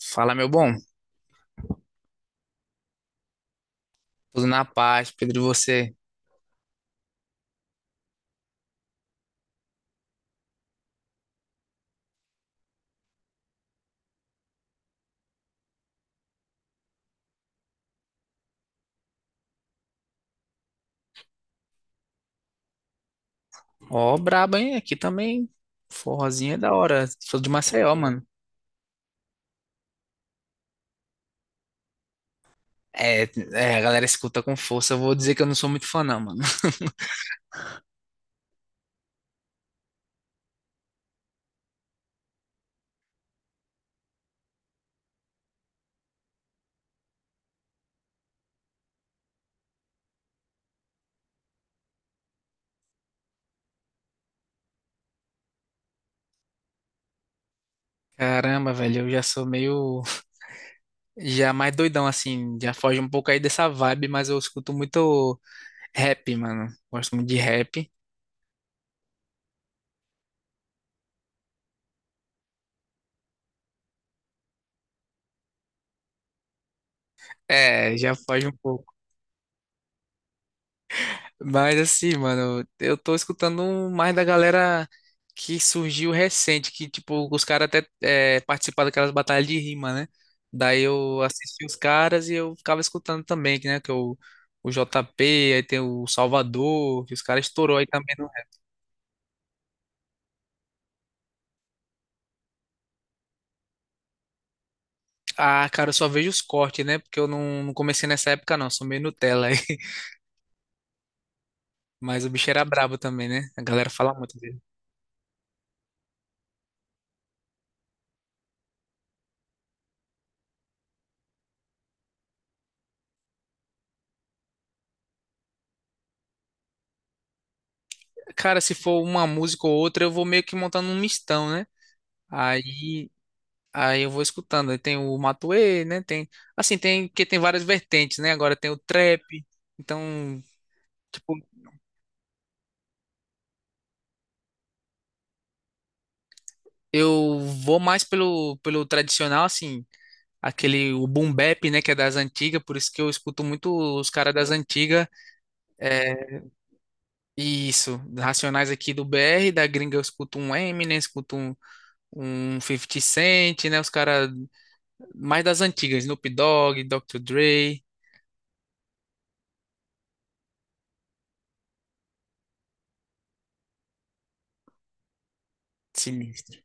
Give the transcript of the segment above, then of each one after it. Fala, meu bom. Tudo na paz, Pedro, e você? Ó, brabo, hein? Aqui também. Forrozinho é da hora. Sou de Maceió, mano. É, é, a galera escuta com força. Eu vou dizer que eu não sou muito fã, não, mano. Caramba, velho, eu já sou meio. Já mais doidão, assim. Já foge um pouco aí dessa vibe, mas eu escuto muito rap, mano. Gosto muito de rap. É, já foge um pouco. Mas assim, mano, eu tô escutando mais da galera que surgiu recente, que tipo, os caras até é, participaram daquelas batalhas de rima, né? Daí eu assisti os caras e eu ficava escutando também, que, né? Que é o JP, aí tem o Salvador, que os caras estourou aí também. Ah, cara, eu só vejo os cortes, né? Porque eu não comecei nessa época, não, sou meio Nutella aí. Mas o bicho era brabo também, né? A galera fala muito dele. Cara, se for uma música ou outra, eu vou meio que montando um mistão, né? Aí Aí eu vou escutando. Aí tem o Matuê, né? Tem, assim, tem que tem várias vertentes, né? Agora tem o trap. Então, tipo, eu vou mais pelo tradicional, assim, aquele o boom bap, né, que é das antigas, por isso que eu escuto muito os caras das antigas. É, isso, Racionais aqui do BR, da gringa eu escuto um Eminem, escuto um 50 Cent, né? Os caras mais das antigas, Snoop Dogg, Dr. Dre, sinistro.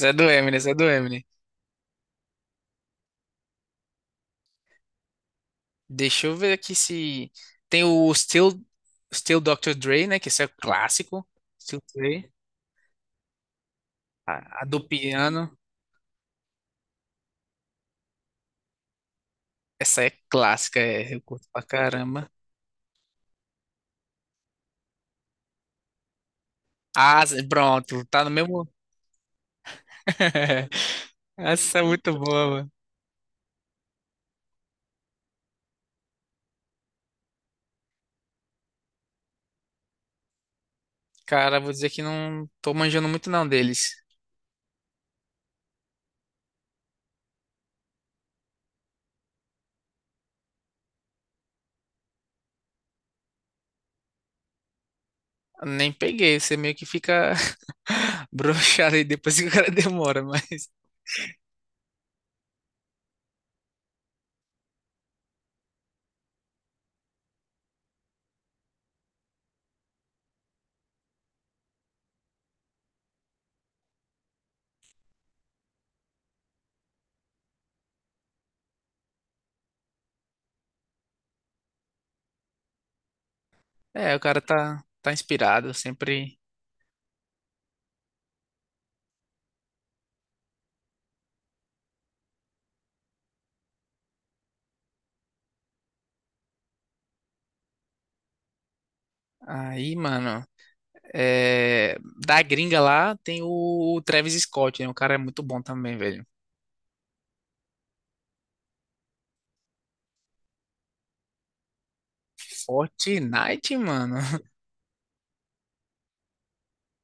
Zé do Eminem. Deixa eu ver aqui se. Tem o Still Dr. Dre, né? Que esse é o clássico. Still Dre. A do piano. Essa é clássica, é. Eu curto pra caramba. Ah, pronto, tá no mesmo. Essa é muito boa, mano. Cara, vou dizer que não tô manjando muito não deles. Nem peguei, você meio que fica broxado aí depois que o cara demora, mas. É, o cara tá, tá inspirado sempre. Aí, mano. É, da gringa lá tem o Travis Scott, né? O cara é muito bom também, velho. Fortnite, mano.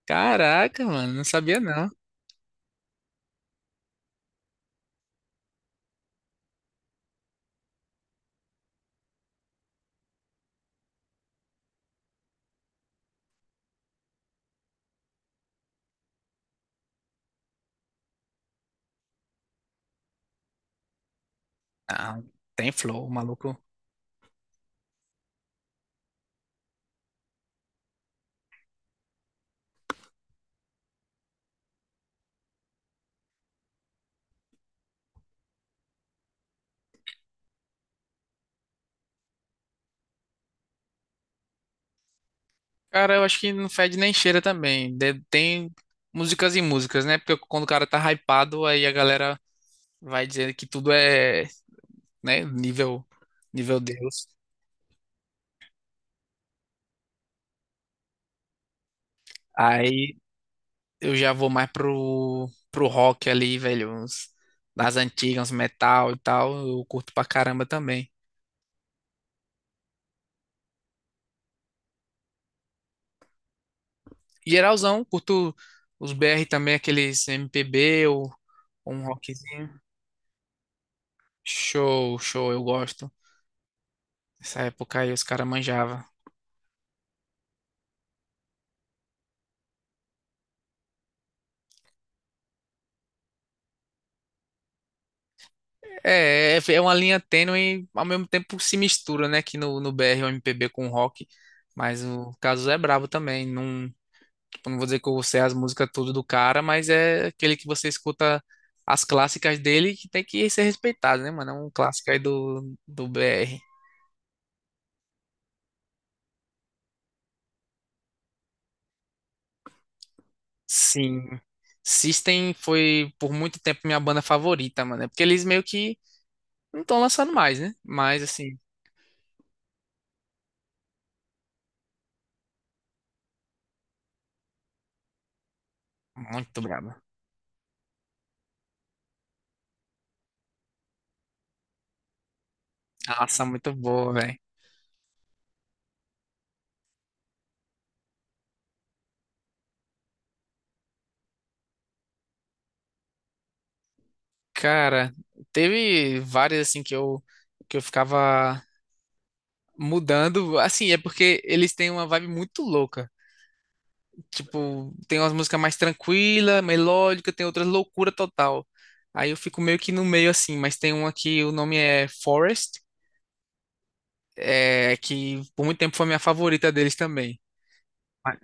Caraca, mano, não sabia não. Não, tem flow, maluco. Cara, eu acho que não fede nem cheira também. De- tem músicas e músicas, né? Porque quando o cara tá hypado, aí a galera vai dizer que tudo é, né, nível, nível Deus. Aí eu já vou mais pro rock ali, velho. Uns, das antigas, uns metal e tal. Eu curto pra caramba também. Geralzão, curto os BR também, aqueles MPB ou um rockzinho. Show, show, eu gosto. Nessa época aí os caras manjavam. É, é uma linha tênue, ao mesmo tempo se mistura, né? Que no, no BR o MPB com o rock. Mas o Cazuza é brabo também. Não, tipo, não vou dizer que eu sei as músicas tudo do cara, mas é aquele que você escuta as clássicas dele que tem que ser respeitado, né, mano? É um clássico aí do, do BR. Sim. System foi por muito tempo minha banda favorita, mano. É. Porque eles meio que não estão lançando mais, né? Mas assim, muito braba. Nossa, muito boa, velho. Cara, teve várias assim que eu ficava mudando. Assim, é porque eles têm uma vibe muito louca. Tipo, tem umas músicas mais tranquila, melódica, tem outras loucura total. Aí eu fico meio que no meio assim, mas tem uma que o nome é Forest, é que por muito tempo foi minha favorita deles também. Ah,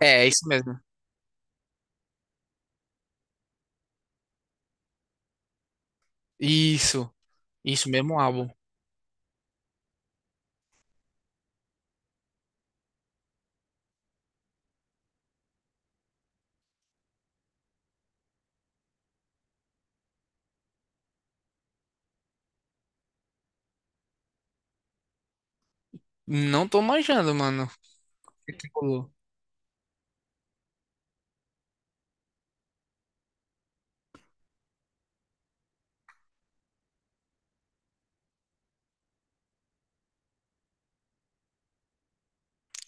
é, é isso mesmo. Isso. Isso mesmo, álbum. Não tô manjando, mano. O que que rolou?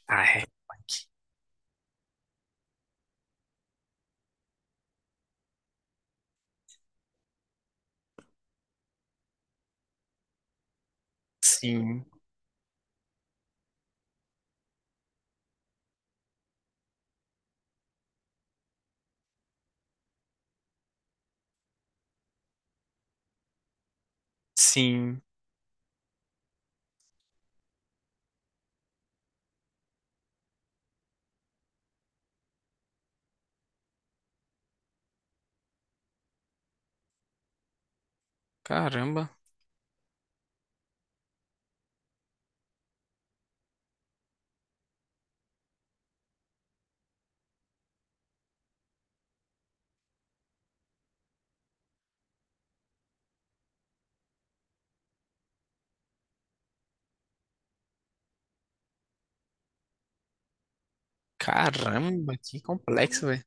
Ah, é. Sim. Sim. Caramba. Caramba, que complexo, velho.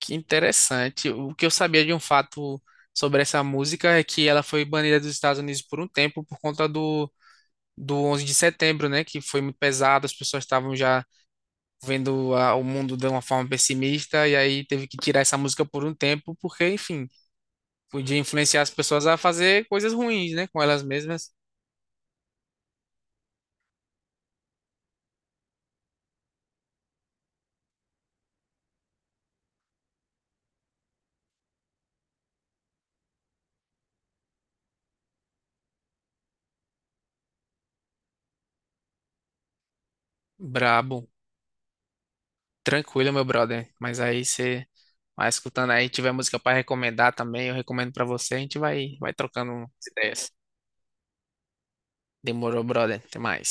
Que interessante. O que eu sabia de um fato sobre essa música é que ela foi banida dos Estados Unidos por um tempo por conta do 11 de setembro, né? Que foi muito pesado, as pessoas estavam já vendo a- o mundo de uma forma pessimista, e aí teve que tirar essa música por um tempo, porque, enfim, podia influenciar as pessoas a fazer coisas ruins, né? Com elas mesmas. Brabo. Tranquilo, meu brother. Mas aí você vai escutando aí, tiver música pra recomendar também, eu recomendo pra você, a gente vai trocando ideias. Demorou, brother. Até mais.